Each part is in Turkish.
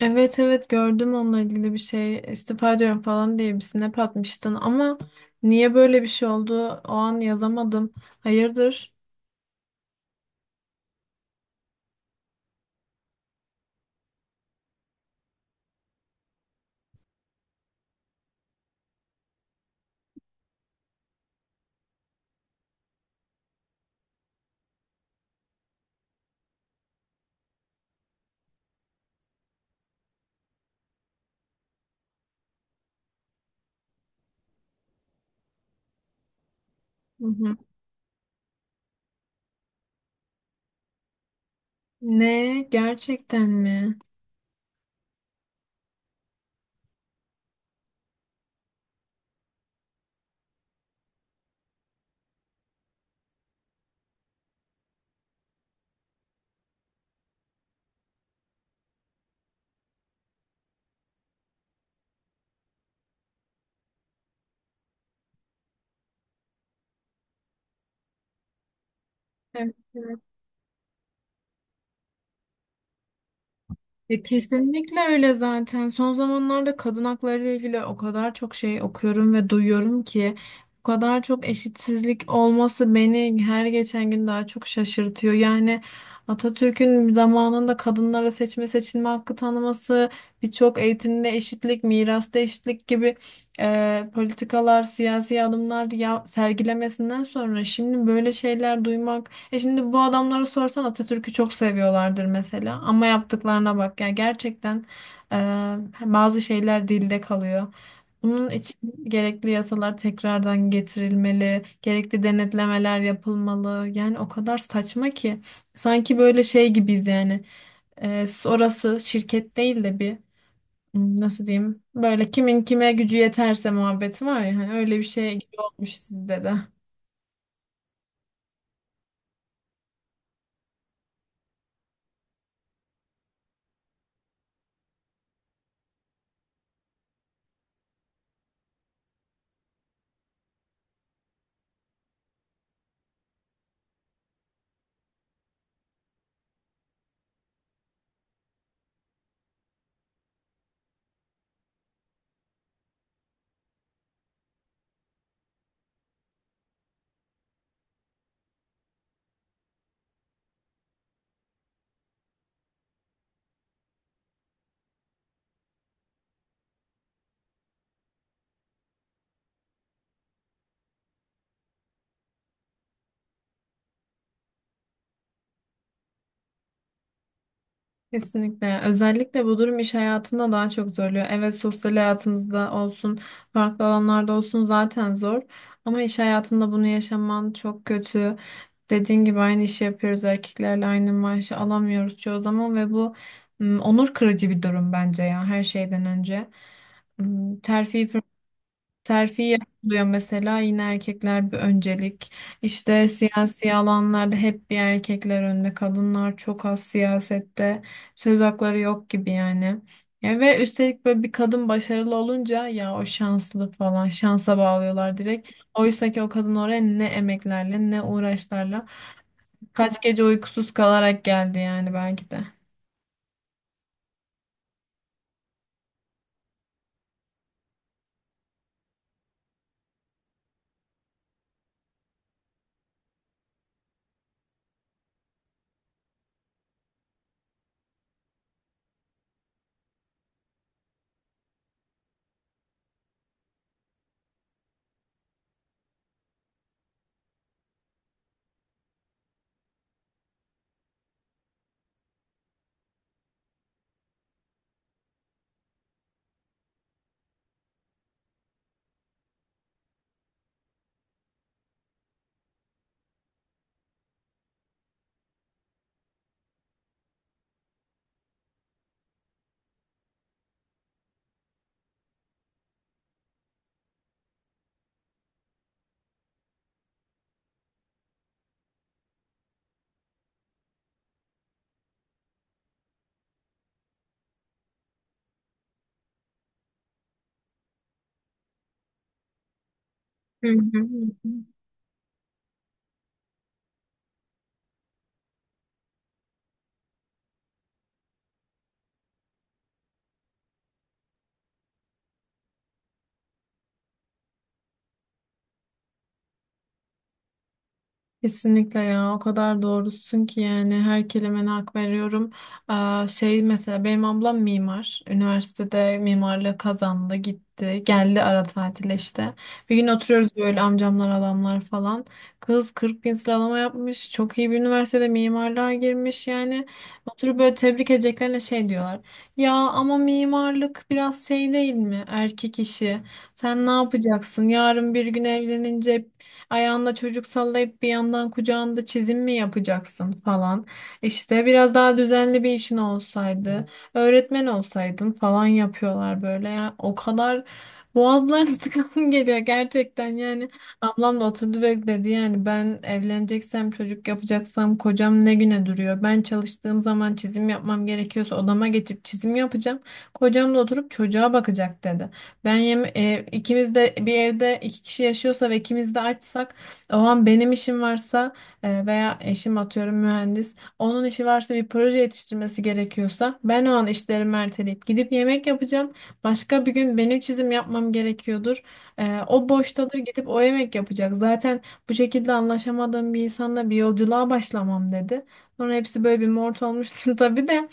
Evet, evet, gördüm, onunla ilgili bir şey, istifa ediyorum falan diye bir snap atmıştın ama niye böyle bir şey oldu o an yazamadım. Hayırdır? Hı hı. Ne? Gerçekten mi? Evet. Ya kesinlikle öyle zaten. Son zamanlarda kadın hakları ile ilgili o kadar çok şey okuyorum ve duyuyorum ki bu kadar çok eşitsizlik olması beni her geçen gün daha çok şaşırtıyor. Yani Atatürk'ün zamanında kadınlara seçme seçilme hakkı tanıması, birçok eğitimde eşitlik, mirasta eşitlik gibi politikalar, siyasi adımlar ya, sergilemesinden sonra şimdi böyle şeyler duymak, şimdi bu adamlara sorsan Atatürk'ü çok seviyorlardır mesela. Ama yaptıklarına bak. Yani gerçekten e, bazı şeyler dilde kalıyor. Bunun için gerekli yasalar tekrardan getirilmeli, gerekli denetlemeler yapılmalı. Yani o kadar saçma ki sanki böyle şey gibiyiz yani. Orası şirket değil de bir, nasıl diyeyim, böyle kimin kime gücü yeterse muhabbeti var ya, hani öyle bir şey gibi olmuş sizde de. Kesinlikle. Özellikle bu durum iş hayatında daha çok zorluyor. Evet, sosyal hayatımızda olsun, farklı alanlarda olsun zaten zor. Ama iş hayatında bunu yaşaman çok kötü. Dediğin gibi aynı işi yapıyoruz erkeklerle, aynı maaşı alamıyoruz çoğu zaman ve bu onur kırıcı bir durum bence ya, her şeyden önce. M, Terfi Terfi yapılıyor mesela, yine erkekler bir öncelik. İşte siyasi alanlarda hep bir erkekler önde. Kadınlar çok az siyasette. Söz hakları yok gibi yani. Ya ve üstelik böyle bir kadın başarılı olunca ya, o şanslı falan, şansa bağlıyorlar direkt. Oysa ki o kadın oraya ne emeklerle, ne uğraşlarla, kaç gece uykusuz kalarak geldi yani belki de. Hı hı. Hı hı. Kesinlikle ya, o kadar doğrusun ki yani, her kelimene hak veriyorum. Aa, şey, mesela benim ablam mimar. Üniversitede mimarlığı kazandı, gitti, geldi ara tatile işte. Bir gün oturuyoruz böyle, amcamlar, adamlar falan. Kız 40 bin sıralama yapmış, çok iyi bir üniversitede mimarlığa girmiş yani. Oturup böyle tebrik edeceklerine şey diyorlar. Ya ama mimarlık biraz şey değil mi, erkek işi. Sen ne yapacaksın yarın bir gün evlenince, ayağında çocuk sallayıp bir yandan kucağında çizim mi yapacaksın falan. İşte biraz daha düzenli bir işin olsaydı, öğretmen olsaydın falan, yapıyorlar böyle. Ya, o kadar boğazlarını sıkasım geliyor gerçekten yani. Ablam da oturdu ve dedi, yani ben evleneceksem, çocuk yapacaksam, kocam ne güne duruyor. Ben çalıştığım zaman çizim yapmam gerekiyorsa odama geçip çizim yapacağım. Kocam da oturup çocuğa bakacak dedi. İkimiz de bir evde, iki kişi yaşıyorsa ve ikimiz de açsak, o an benim işim varsa veya eşim, atıyorum mühendis, onun işi varsa, bir proje yetiştirmesi gerekiyorsa, ben o an işlerimi erteleyip gidip yemek yapacağım. Başka bir gün benim çizim yapmam gerekiyordur. E, o boştadır, gidip o yemek yapacak. Zaten bu şekilde anlaşamadığım bir insanla bir yolculuğa başlamam dedi. Sonra hepsi böyle bir mort olmuştu tabii de.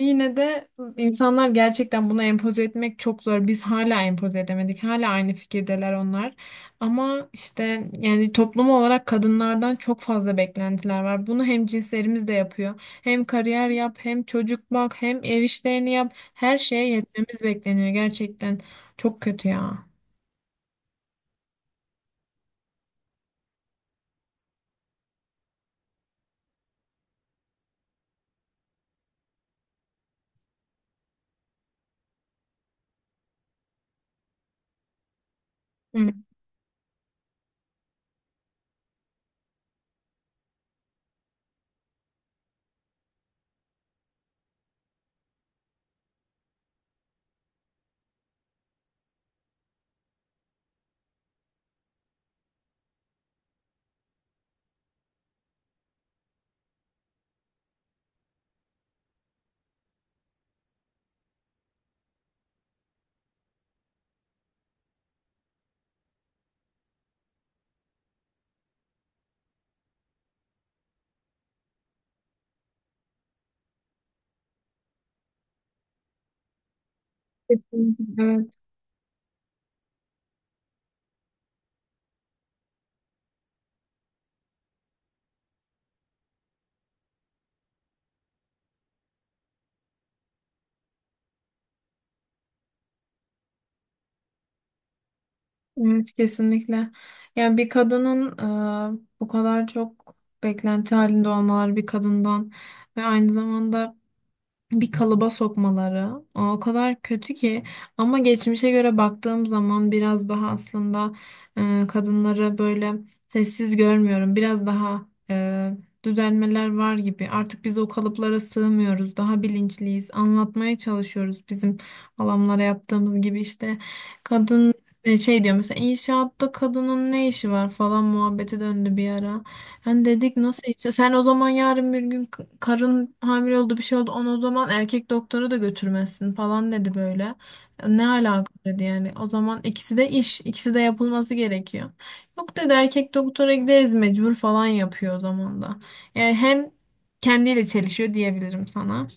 Yine de insanlar gerçekten bunu empoze etmek çok zor. Biz hala empoze edemedik. Hala aynı fikirdeler onlar. Ama işte, yani toplum olarak kadınlardan çok fazla beklentiler var. Bunu hem cinslerimiz de yapıyor. Hem kariyer yap, hem çocuk bak, hem ev işlerini yap. Her şeye yetmemiz bekleniyor gerçekten. Çok kötü ya. Hı. Evet, evet, kesinlikle. Yani bir kadının bu kadar çok beklenti halinde olmaları bir kadından ve aynı zamanda bir kalıba sokmaları o kadar kötü ki, ama geçmişe göre baktığım zaman biraz daha aslında kadınları böyle sessiz görmüyorum, biraz daha düzelmeler var gibi. Artık biz o kalıplara sığmıyoruz, daha bilinçliyiz, anlatmaya çalışıyoruz, bizim alanlara yaptığımız gibi işte. Kadın şey diyor mesela, inşaatta kadının ne işi var falan muhabbeti döndü bir ara. Hani dedik nasıl işi? Sen o zaman yarın bir gün, karın hamile oldu, bir şey oldu, onu o zaman erkek doktora da götürmezsin falan dedi böyle. E, ne alaka dedi yani. O zaman ikisi de iş, ikisi de yapılması gerekiyor. Yok dedi, erkek doktora gideriz mecbur falan, yapıyor o zaman da. Yani hem kendiyle çelişiyor diyebilirim sana.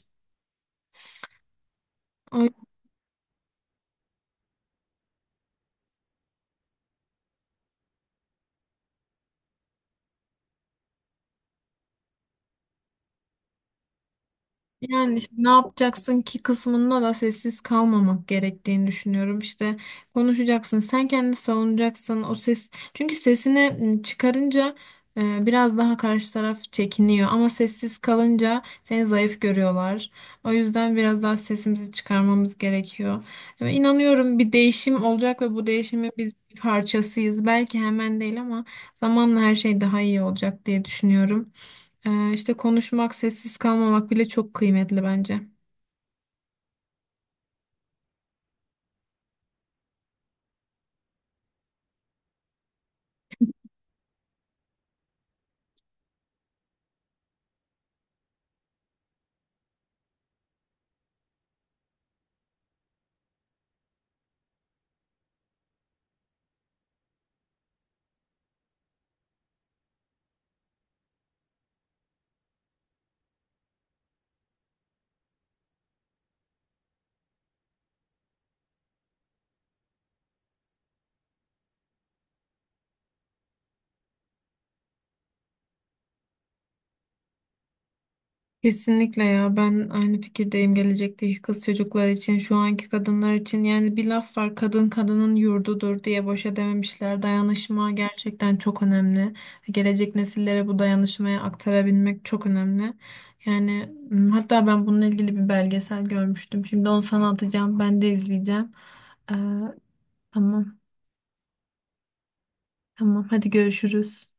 Yani işte ne yapacaksın ki kısmında da sessiz kalmamak gerektiğini düşünüyorum. İşte konuşacaksın, sen kendini savunacaksın. O ses, çünkü sesini çıkarınca biraz daha karşı taraf çekiniyor, ama sessiz kalınca seni zayıf görüyorlar. O yüzden biraz daha sesimizi çıkarmamız gerekiyor. Ve inanıyorum bir değişim olacak ve bu değişimin biz bir parçasıyız. Belki hemen değil ama zamanla her şey daha iyi olacak diye düşünüyorum. İşte konuşmak, sessiz kalmamak bile çok kıymetli bence. Kesinlikle ya, ben aynı fikirdeyim. Gelecekteki kız çocuklar için, şu anki kadınlar için, yani bir laf var, kadın kadının yurdudur diye, boşa dememişler. Dayanışma gerçekten çok önemli, gelecek nesillere bu dayanışmayı aktarabilmek çok önemli. Yani hatta ben bununla ilgili bir belgesel görmüştüm, şimdi onu sana atacağım, ben de izleyeceğim. Ee, tamam, tamam, hadi görüşürüz.